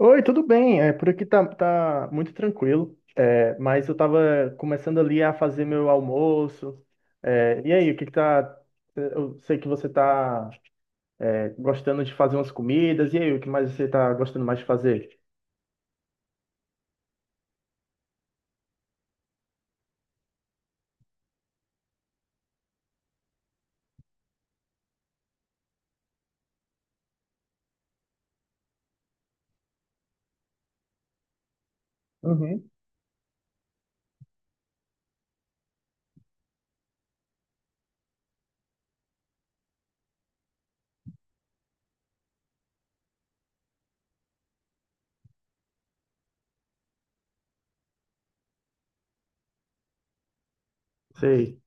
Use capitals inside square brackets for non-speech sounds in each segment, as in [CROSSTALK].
Oi, tudo bem? Por aqui tá muito tranquilo, mas eu tava começando ali a fazer meu almoço. E aí, o que que tá. Eu sei que você tá gostando de fazer umas comidas, e aí, o que mais você tá gostando mais de fazer? Uhum. Sei.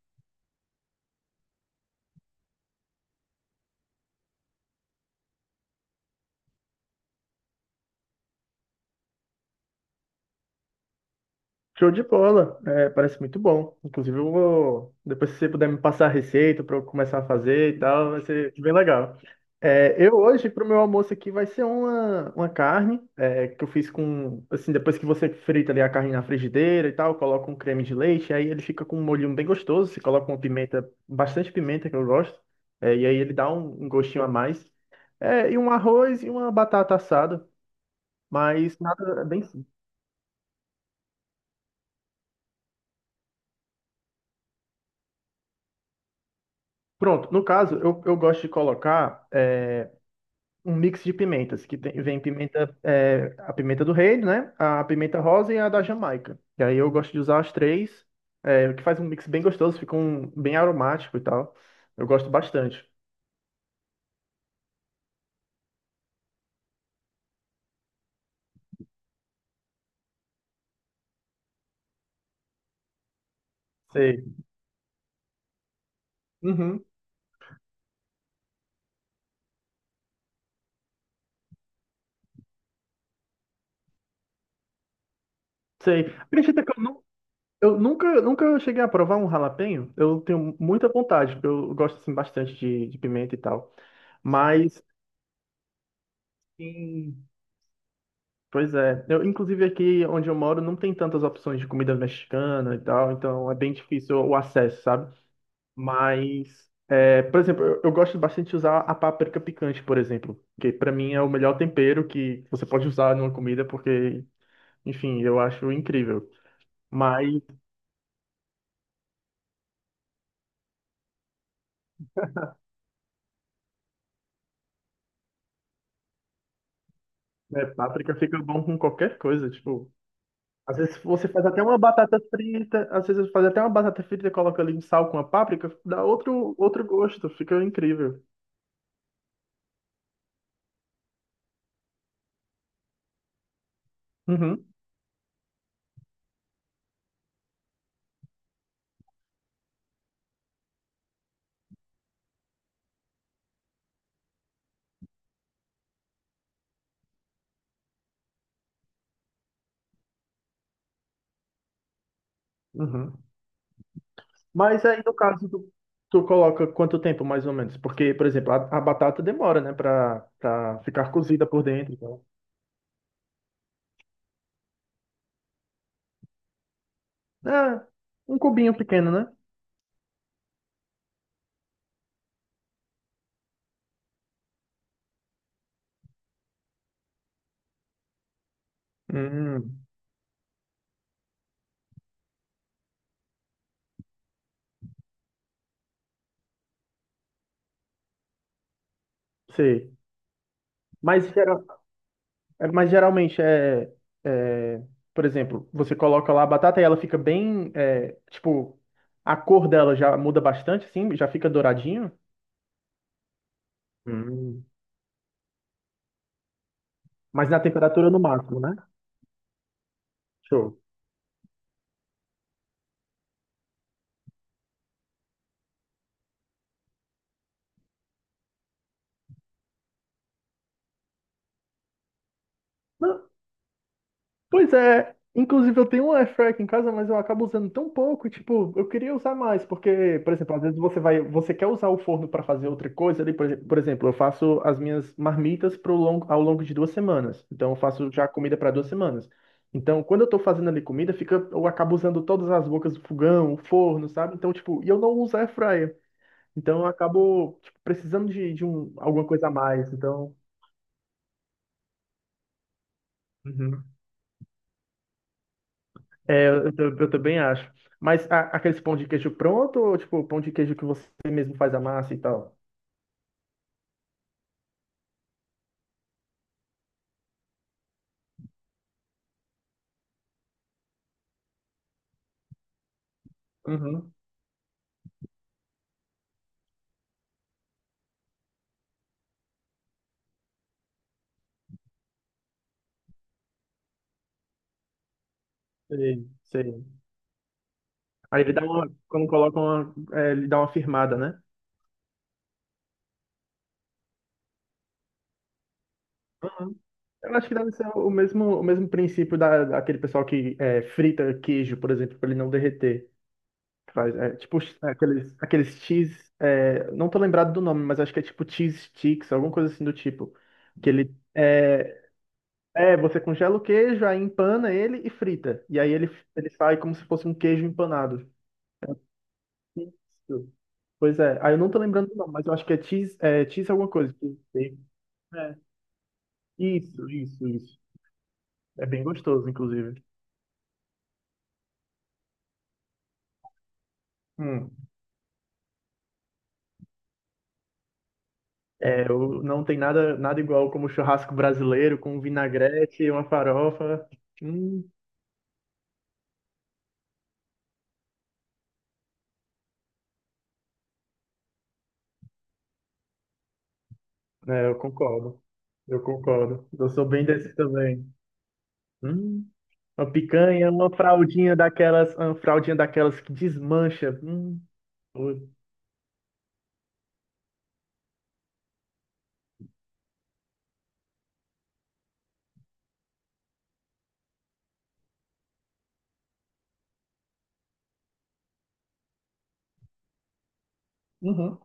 Show de bola, parece muito bom. Inclusive, eu vou, depois se você puder me passar a receita para eu começar a fazer e tal, vai ser bem legal. Eu hoje, para o meu almoço aqui, vai ser uma carne que eu fiz com, assim, depois que você frita ali a carne na frigideira e tal, coloca um creme de leite, aí ele fica com um molhinho bem gostoso, você coloca uma pimenta, bastante pimenta que eu gosto, e aí ele dá um gostinho a mais. É, e um arroz e uma batata assada, mas nada é bem... Pronto, no caso, eu gosto de colocar um mix de pimentas, que vem pimenta, a pimenta do reino, né? A pimenta rosa e a da Jamaica. E aí eu gosto de usar as três, o que faz um mix bem gostoso, fica um, bem aromático e tal. Eu gosto bastante. Sei. Uhum, sei. Acredita que eu nunca cheguei a provar um jalapeño? Eu tenho muita vontade, porque eu gosto assim, bastante de pimenta e tal. Mas, sim, pois é. Eu, inclusive aqui onde eu moro não tem tantas opções de comida mexicana e tal, então é bem difícil o acesso, sabe? Mas, é, por exemplo, eu gosto bastante de usar a páprica picante, por exemplo, que pra mim é o melhor tempero que você pode usar numa comida, porque, enfim, eu acho incrível. Mas, né, páprica fica bom com qualquer coisa, tipo, às vezes você faz até uma batata frita, às vezes você faz até uma batata frita e coloca ali um sal com a páprica, dá outro, outro gosto, fica incrível. Uhum, uhum. Mas aí, no caso, tu coloca quanto tempo, mais ou menos? Porque, por exemplo, a batata demora, né, pra ficar cozida por dentro. Então. Ah, um cubinho pequeno, né? Hum, sei. Mas, geral- é, mas geralmente é, por exemplo, você coloca lá a batata e ela fica bem, é, tipo, a cor dela já muda bastante, assim, já fica douradinho. Hum. Mas na temperatura no máximo, né? Show. Pois é, inclusive eu tenho um air fryer aqui em casa, mas eu acabo usando tão pouco, tipo, eu queria usar mais, porque, por exemplo, às vezes você vai, você quer usar o forno para fazer outra coisa ali, por exemplo, eu faço as minhas marmitas ao longo de 2 semanas, então eu faço já comida para 2 semanas. Então, quando eu tô fazendo ali comida, fica, eu acabo usando todas as bocas do fogão, o forno, sabe? Então, tipo, e eu não uso air fryer, então eu acabo, tipo, precisando de alguma coisa a mais, então... Uhum. Eu também acho. Mas aqueles pão de queijo pronto ou tipo pão de queijo que você mesmo faz a massa e tal? Uhum, sei, sei. Aí ele dá uma, quando coloca uma, é, ele dá uma firmada, né? Uhum. Eu acho que deve ser o mesmo princípio da, daquele pessoal que é, frita queijo, por exemplo, para ele não derreter. Que Faz, é, tipo é, aqueles, aqueles cheese, é, não tô lembrado do nome, mas acho que é tipo cheese sticks, alguma coisa assim do tipo. Que ele, é, É, você congela o queijo, aí empana ele e frita. E aí ele sai como se fosse um queijo empanado. Isso. Pois é. Aí eu não tô lembrando do nome, mas eu acho que é cheese alguma coisa. Cheese bacon. É. Isso, isso, isso. É bem gostoso, inclusive. Hum. É, eu, não tem nada, nada igual como churrasco brasileiro com vinagrete e uma farofa. Hum. É, eu concordo. Eu concordo. Eu sou bem desse também. Hum. Uma picanha, uma fraldinha daquelas que desmancha. Pô, Uhum.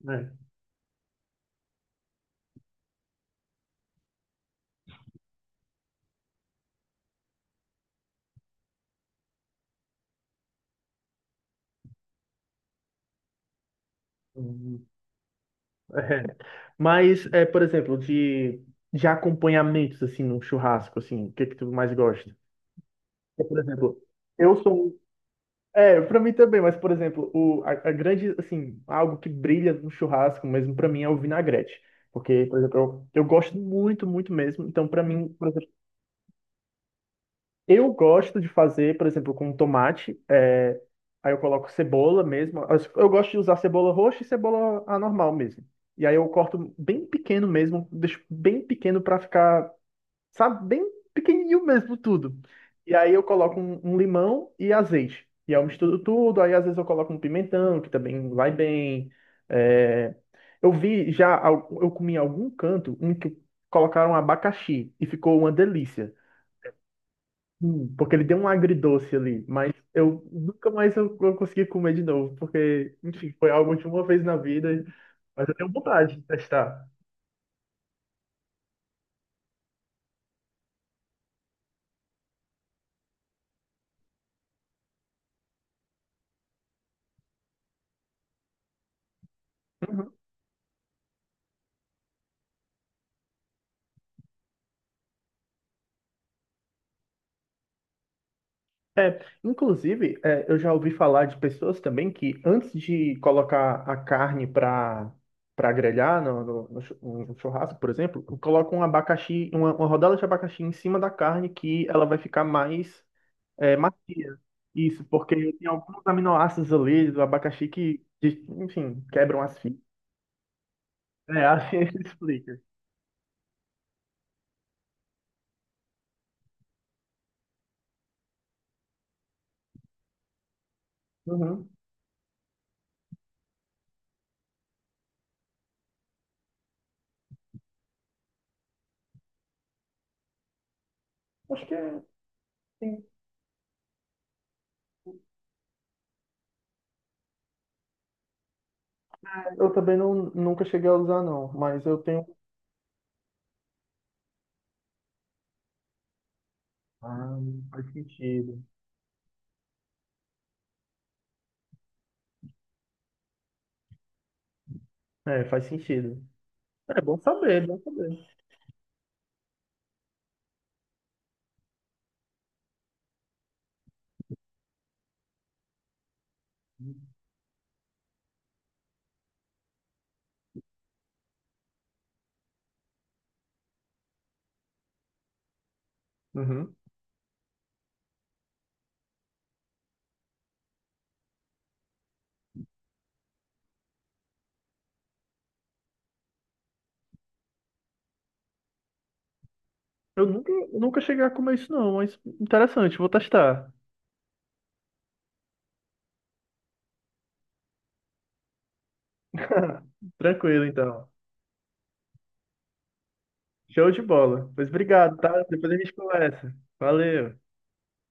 né? Hum, é. Mas, é, por exemplo, de acompanhamentos, assim, num churrasco, assim, o que que tu mais gosta? Porque, por exemplo, eu sou... um- é, pra mim também, mas, por exemplo, a grande, assim, algo que brilha no churrasco mesmo, pra mim, é o vinagrete. Porque, por exemplo, eu gosto muito, muito mesmo. Então, pra mim, por exemplo, eu gosto de fazer, por exemplo, com tomate. Aí eu coloco cebola mesmo. Eu gosto de usar cebola roxa e cebola a normal mesmo. E aí eu corto bem pequeno mesmo, deixo bem pequeno pra ficar, sabe, bem pequenininho mesmo tudo. E aí eu coloco um limão e azeite. E aí eu misturo tudo. Aí às vezes eu coloco um pimentão, que também vai bem. é, Eu vi já, eu comi em algum canto um que colocaram abacaxi e ficou uma delícia. Porque ele deu um agridoce ali, mas eu nunca mais eu consegui comer de novo, porque, enfim, foi algo de uma vez na vida, mas eu tenho vontade de testar. Uhum. É, inclusive, é, eu já ouvi falar de pessoas também que antes de colocar a carne para para grelhar no, no churrasco, por exemplo, colocam um abacaxi, uma rodela de abacaxi em cima da carne que ela vai ficar mais É, macia. Isso, porque tem alguns aminoácidos ali do abacaxi que, de- enfim, quebram as fibras. É, assim [LAUGHS] ele explica. Uhum. Acho que é, sim. Eu também não, nunca cheguei a usar, não, mas eu tenho. Ah, faz sentido. É, faz sentido. É bom saber, bom saber. Uhum. Eu nunca cheguei a comer isso, não, mas interessante, vou testar. [LAUGHS] Tranquilo, então. Show de bola. Pois obrigado, tá? Depois a gente conversa. Valeu.